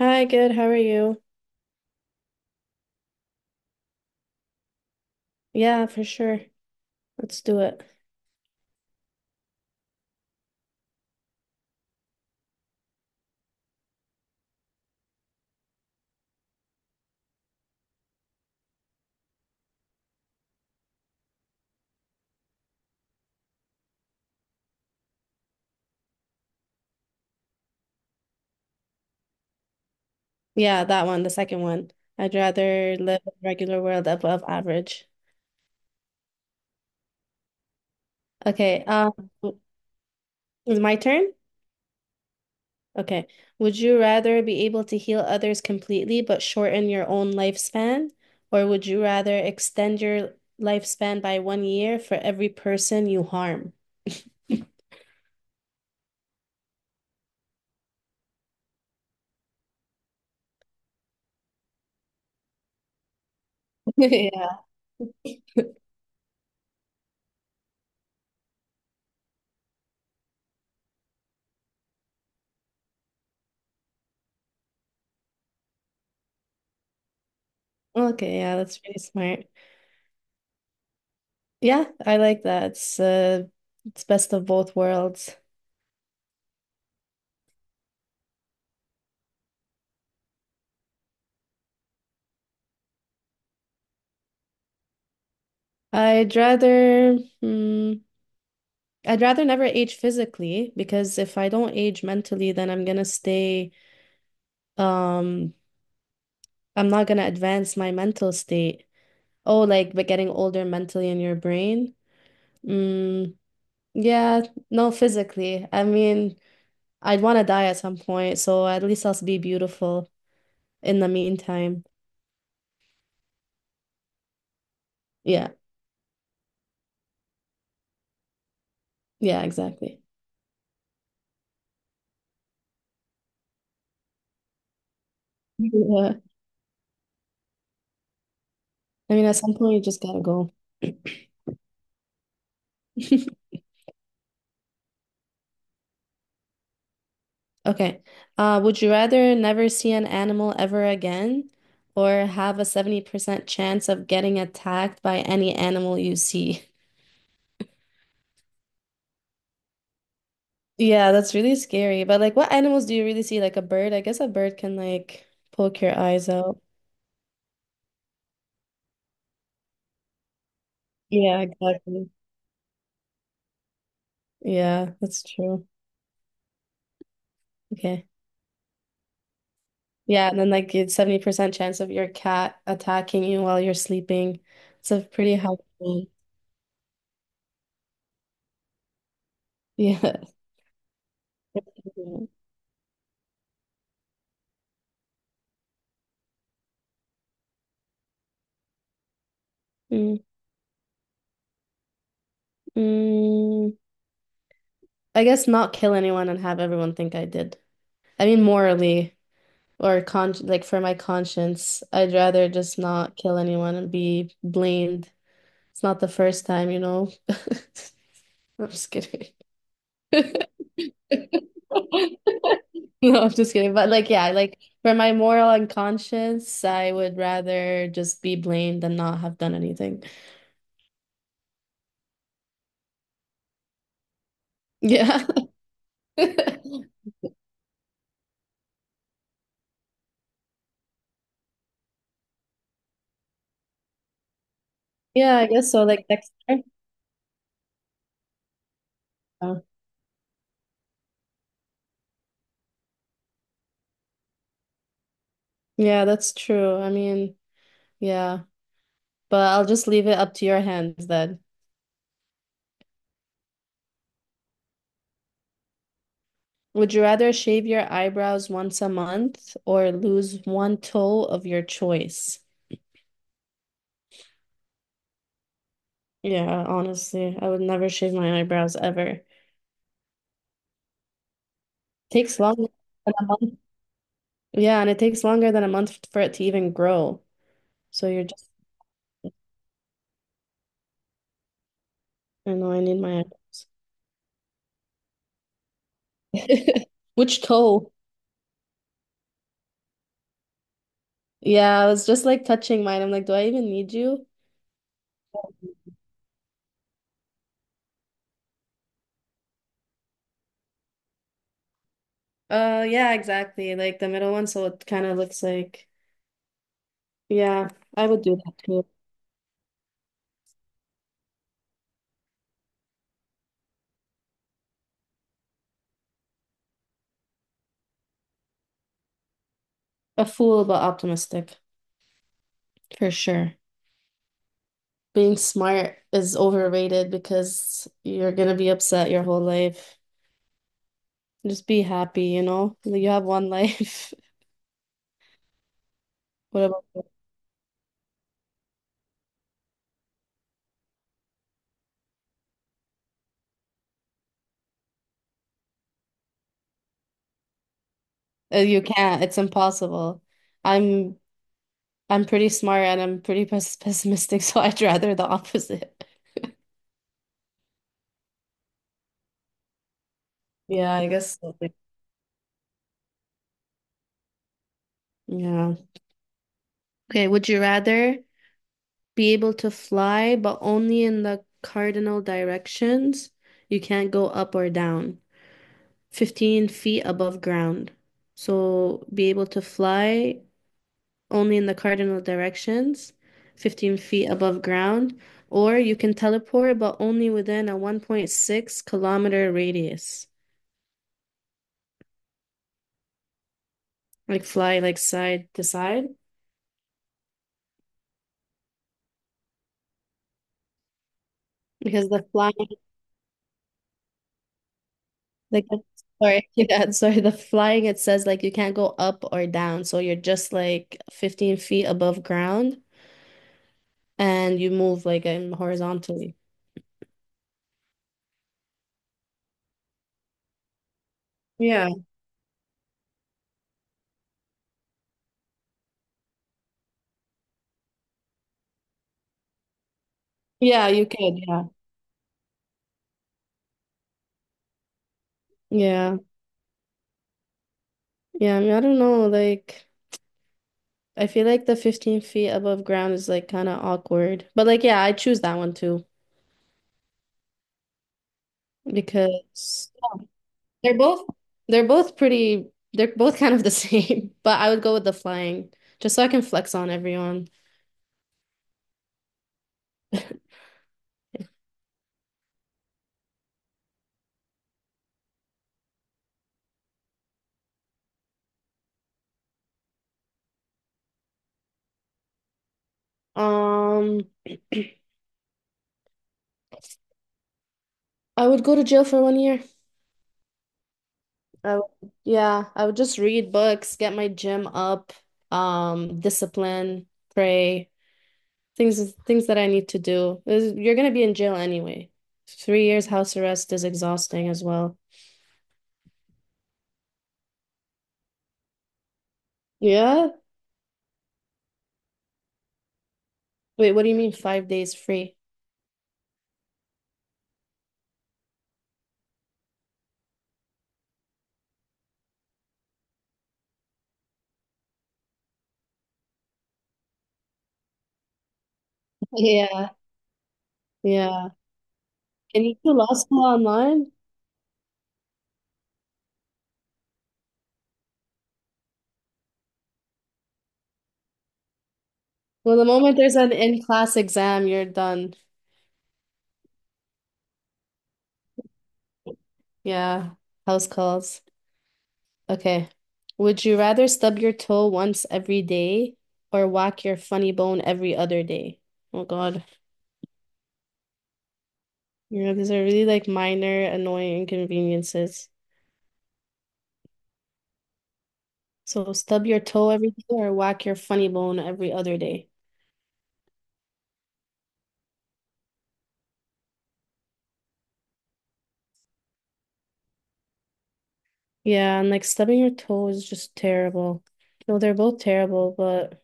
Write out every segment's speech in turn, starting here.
Hi, good. How are you? Yeah, for sure. Let's do it. Yeah, that one, the second one. I'd rather live a regular world above average. Okay, um, is my turn? Okay. Would you rather be able to heal others completely but shorten your own lifespan, or would you rather extend your lifespan by one year for every person you harm? Yeah. Okay, yeah, that's pretty smart. Yeah, I like that. It's it's best of both worlds. I'd rather mm, I'd rather never age physically because if I don't age mentally, then I'm gonna stay um I'm not gonna advance my mental state. Oh, like but getting older mentally in your brain. Mm, yeah, no, physically. I mean, I'd want to die at some point, so at least I'll be beautiful in the meantime. Yeah, yeah, exactly. Yeah. I mean, at some point you just gotta go. Okay. Would you rather never see an animal ever again or have a 70% chance of getting attacked by any animal you see? Yeah, that's really scary. But like what animals do you really see? Like a bird? I guess a bird can like poke your eyes out. Yeah, exactly. Yeah, that's true. Okay. Yeah, and then like it's 70% chance of your cat attacking you while you're sleeping. It's a pretty high one. Yeah. Mm. Mm, I guess not kill anyone and have everyone think I did. I mean, morally or con like for my conscience, I'd rather just not kill anyone and be blamed. It's not the first time, you know. I'm just kidding. No, I'm just kidding. But like, yeah, like for my moral and conscience, I would rather just be blamed than not have done anything. Yeah. Yeah, I guess so. Like next time. Oh. Yeah, that's true. I mean, yeah, but I'll just leave it up to your hands then. Would you rather shave your eyebrows once a month or lose one toe of your choice? Yeah, honestly, I would never shave my eyebrows ever. Takes longer than a month. Yeah, and it takes longer than a month for it to even grow. So you're just, I know I need my eyebrows. Which toe? Yeah, I was just like touching mine. I'm like, do I even need you? Yeah, exactly. Like the middle one, so it kind of looks like, yeah, I would do that too. A fool but optimistic, for sure. Being smart is overrated because you're gonna be upset your whole life. Just be happy, you know? Like, you have one life. What about you? You can't. It's impossible. I'm I'm pretty smart and I'm pretty pessimistic, so I'd rather the opposite. Yeah, I guess so. Like- Yeah. Okay, would you rather be able to fly but only in the cardinal directions? You can't go up or down. 15 feet above ground. So be able to fly only in the cardinal directions, 15 feet above ground, or you can teleport, but only within a 1.6-kilometer radius. Like fly like side to side because the flying like sorry yeah sorry the flying it says like you can't go up or down so you're just like 15 feet above ground and you move horizontally. Yeah. Yeah, you could. Yeah. Yeah. Yeah, I mean, I don't know. Like, I feel like the 15 feet above ground is like kind of awkward. But like, yeah, I choose that one too because they're both they're both kind of the same, but I would go with the flying just so I can flex on everyone. Um, I would go to jail for 1 year. I would, yeah, I would just read books, get my gym up, discipline, pray. Things that I need to do. Is- You're gonna be in jail anyway. 3 years house arrest is exhausting as well. Yeah? Wait, what do you mean 5 days free? Yeah, yeah. Can you do law school online? Well, the moment there's an in-class exam, you're done. Yeah, house calls. Okay. Would you rather stub your toe once every day or whack your funny bone every other day? Oh God. Yeah, these are really like minor annoying inconveniences. So stub your toe every day or whack your funny bone every other day. Yeah, and like stubbing your toe is just terrible. No, they're both terrible, but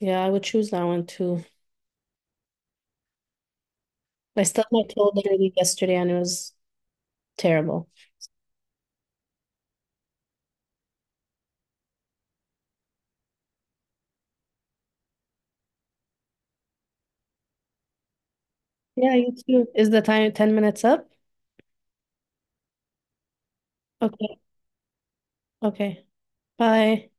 yeah, I would choose that one too. I stubbed my toe literally yesterday and it was terrible. Yeah, you too. Is the time 10 minutes up? Okay, okay. Bye.